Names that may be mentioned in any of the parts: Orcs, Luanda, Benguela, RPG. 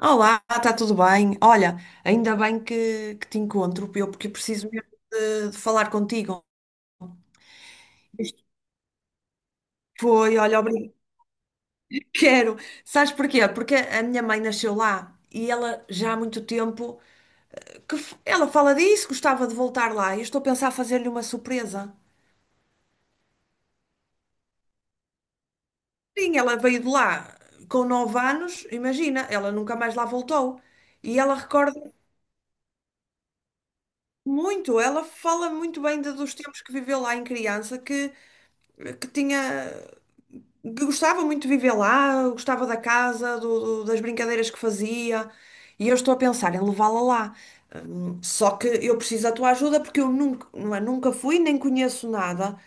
Olá, está tudo bem? Olha, ainda bem que te encontro, eu, porque eu preciso mesmo de falar contigo. Isto foi, olha, obrigado. Quero. Sabes porquê? Porque a minha mãe nasceu lá e ela já há muito tempo que ela fala disso, gostava de voltar lá. E eu estou a pensar fazer-lhe uma surpresa. Sim, ela veio de lá com 9 anos, imagina, ela nunca mais lá voltou. E ela recorda muito, ela fala muito bem dos tempos que viveu lá em criança, que tinha. Gostava muito de viver lá, gostava da casa, das brincadeiras que fazia, e eu estou a pensar em levá-la lá. Só que eu preciso da tua ajuda porque eu nunca, não é, nunca fui, nem conheço nada.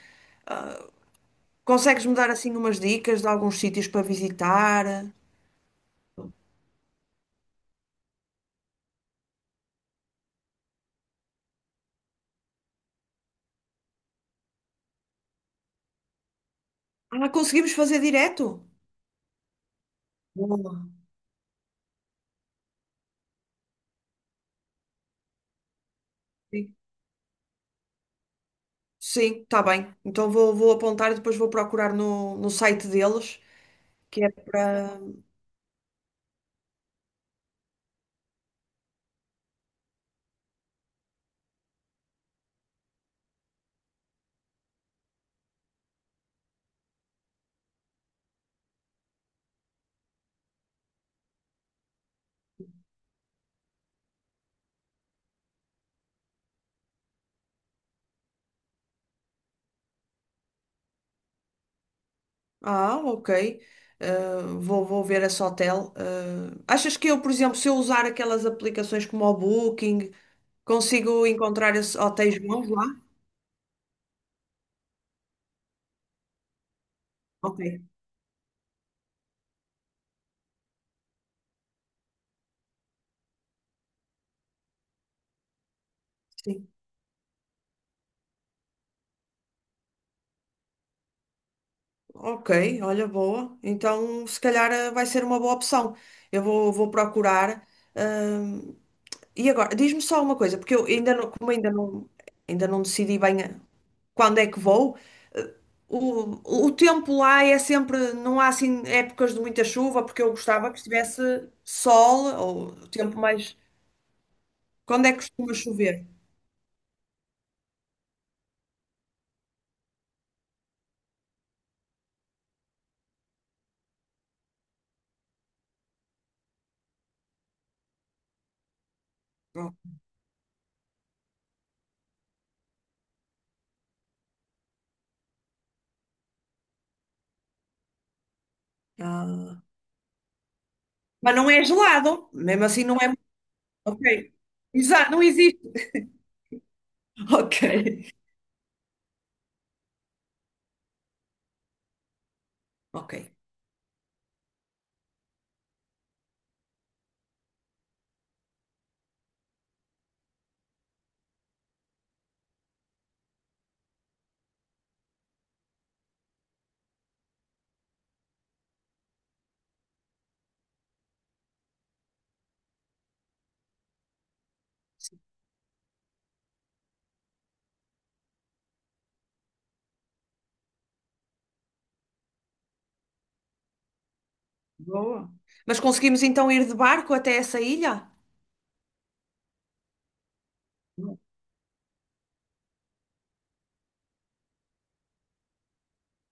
Consegues-me dar assim umas dicas de alguns sítios para visitar? Ah, conseguimos fazer direto? Boa. Sim, sim, tá bem. Então vou apontar e depois vou procurar no site deles, que é para. Ah, ok. Vou ver esse hotel. Achas que eu, por exemplo, se eu usar aquelas aplicações como o Booking, consigo encontrar esses hotéis bons lá? Ok. Sim. Ok, olha, boa. Então, se calhar vai ser uma boa opção. Eu vou procurar. Ahm, e agora, diz-me só uma coisa, porque eu ainda não, como ainda não decidi bem, quando é que vou. Eh, o tempo lá é sempre, não há assim épocas de muita chuva, porque eu gostava que estivesse sol ou tempo mais. Quando é que costuma chover? Ah. Mas não é gelado, mesmo assim não é. Ok. Exato, não existe. Ok. Ok. Boa. Mas conseguimos então ir de barco até essa ilha?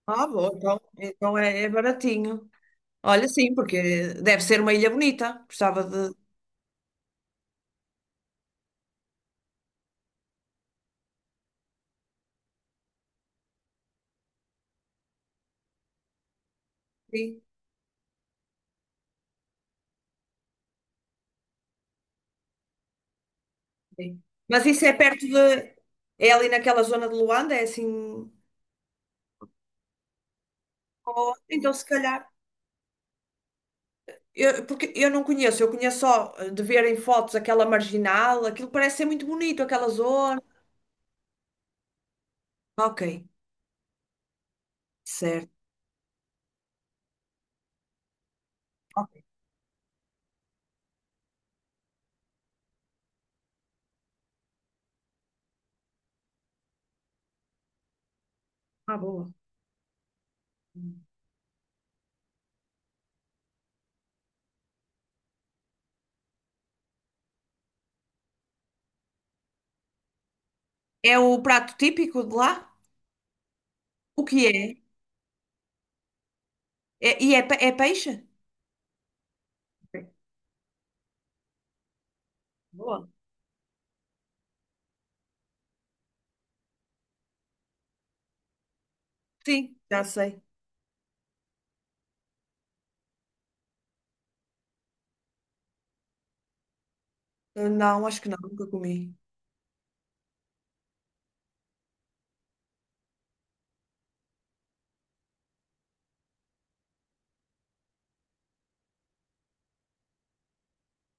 Ah, boa, então é baratinho. Olha, sim, porque deve ser uma ilha bonita. Gostava de. Sim. Mas isso é perto de. É ali naquela zona de Luanda, é assim. Então, se calhar. Porque eu não conheço, eu conheço só de ver em fotos aquela marginal, aquilo parece ser muito bonito, aquela zona. Ok, certo. Ok, ah, boa. É o prato típico de lá? O que é? É peixe? Ok, boa. Sim, já sei. Não, acho que não, nunca comi.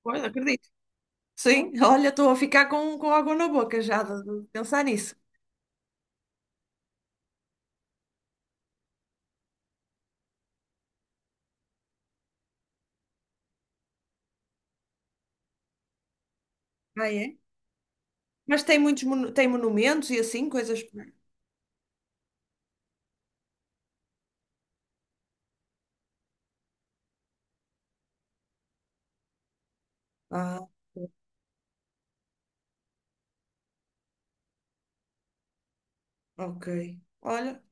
Pois, acredito. Sim, olha, estou a ficar com água na boca já de pensar nisso. Ah, é? Mas tem muitos tem monumentos e assim, coisas. Ah, ok. Olha,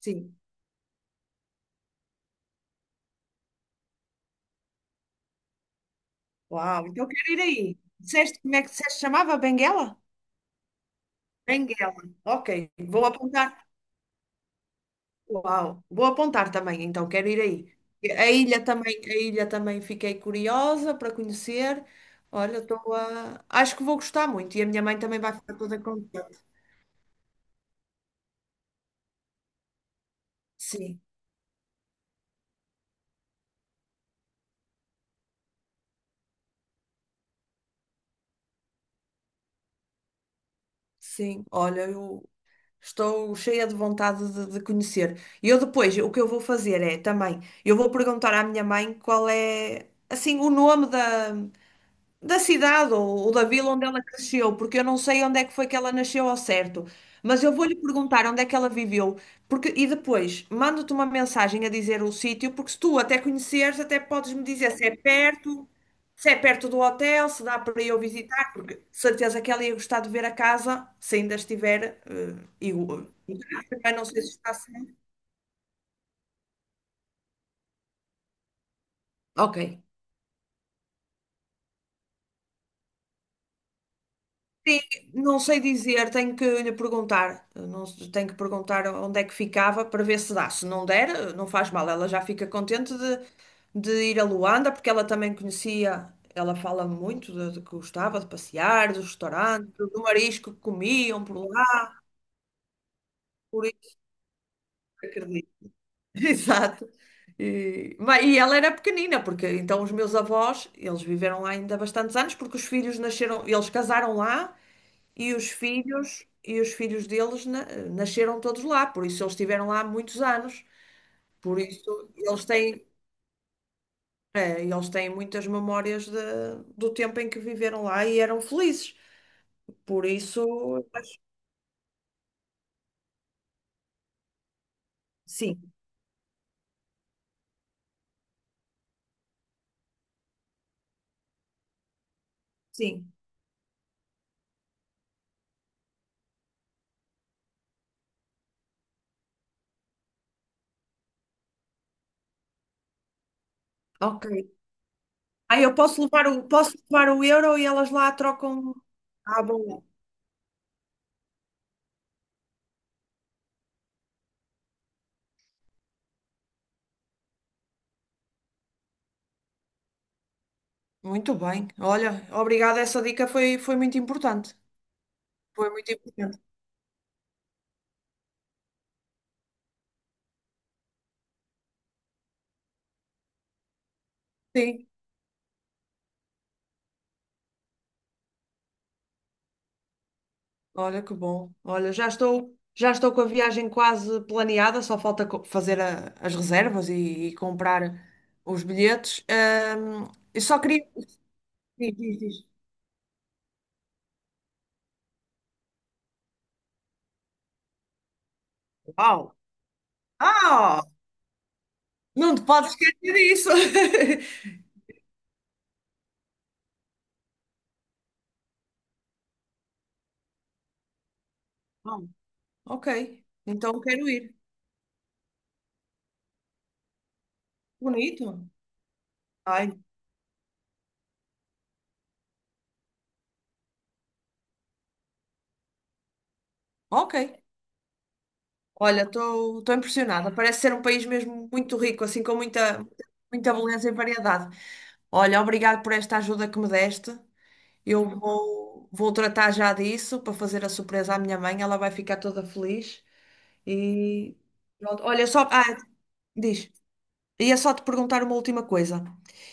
sim. Uau, então quero ir aí. Disseste, como é que disseste, que se chamava? Benguela? Benguela. Ok, vou apontar. Uau, vou apontar também, então quero ir aí. A ilha também fiquei curiosa para conhecer. Olha, estou a. Acho que vou gostar muito e a minha mãe também vai ficar toda contente. Sim, sim. Olha, eu estou cheia de vontade de conhecer. E eu depois, o que eu vou fazer é também, eu vou perguntar à minha mãe qual é, assim, o nome da cidade ou da vila onde ela cresceu, porque eu não sei onde é que foi que ela nasceu ao certo, mas eu vou-lhe perguntar onde é que ela viveu, porque e depois mando-te uma mensagem a dizer o sítio, porque se tu até conheceres, até podes me dizer se é perto, se é perto do hotel, se dá para eu visitar, porque de certeza que ela ia gostar de ver a casa, se ainda estiver, eu também não sei se está certo. Ok. Não sei dizer, tenho que lhe perguntar. Não, tenho que perguntar onde é que ficava para ver se dá. Se não der, não faz mal. Ela já fica contente de ir a Luanda, porque ela também conhecia, ela fala muito de que gostava de passear, dos restaurantes, do marisco que comiam por lá, por isso acredito. Exato. E ela era pequenina, porque então os meus avós, eles viveram lá ainda bastantes anos, porque os filhos nasceram, eles casaram lá. E os filhos deles nasceram todos lá, por isso eles estiveram lá há muitos anos. Por isso eles têm muitas memórias do tempo em que viveram lá e eram felizes. Por isso, mas- sim, sim. Ok. Ah, eu posso levar o euro e elas lá trocam. Ah, bom. Muito bem. Olha, obrigada. Essa dica foi muito importante. Foi muito importante. Sim. Olha que bom. Olha, já estou com a viagem quase planeada, só falta fazer as reservas e comprar os bilhetes. Eu só queria. Diz, diz, diz. Uau! Ah! Não te podes esquecer disso! Bom, ok, então quero ir. Bonito. Ai, ok. Olha, estou impressionada. Parece ser um país mesmo muito rico, assim com muita, muita beleza e variedade. Olha, obrigado por esta ajuda que me deste. Eu vou tratar já disso para fazer a surpresa à minha mãe, ela vai ficar toda feliz e pronto. Olha, só, ah, diz, ia só te perguntar uma última coisa.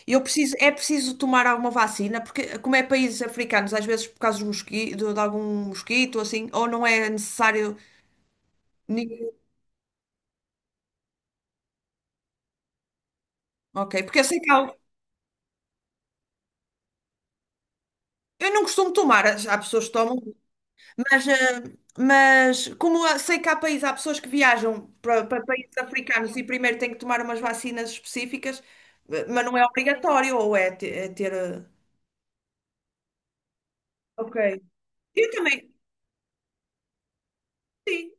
É preciso tomar alguma vacina, porque como é países africanos, às vezes por causa do de algum mosquito, assim, ou não é necessário nenhum. Ok, porque eu sei que há, eu não costumo tomar, há pessoas que tomam, Mas, eh, mas como sei que há países, há pessoas que viajam para países africanos e primeiro têm que tomar umas vacinas específicas, mas não é obrigatório, ou é, é ter. Ok. Eu também. Sim,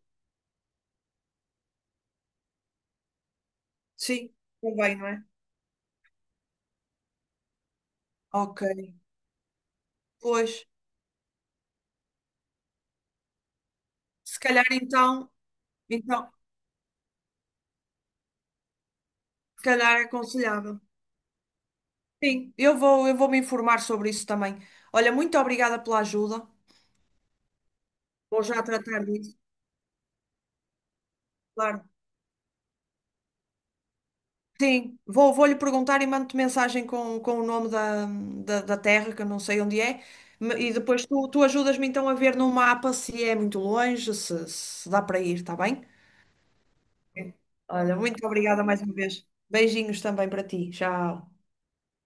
sim, também, não é? Ok. Pois, se calhar então, se calhar é aconselhável. Sim, eu vou me informar sobre isso também. Olha, muito obrigada pela ajuda. Vou já tratar disso. Claro. Sim, vou lhe perguntar e mando-te mensagem com o nome da terra, que eu não sei onde é. E depois tu ajudas-me então a ver no mapa se é muito longe, se dá para ir, está bem? Ok. Olha, muito obrigada mais uma vez. Beijinhos também para ti. Tchau.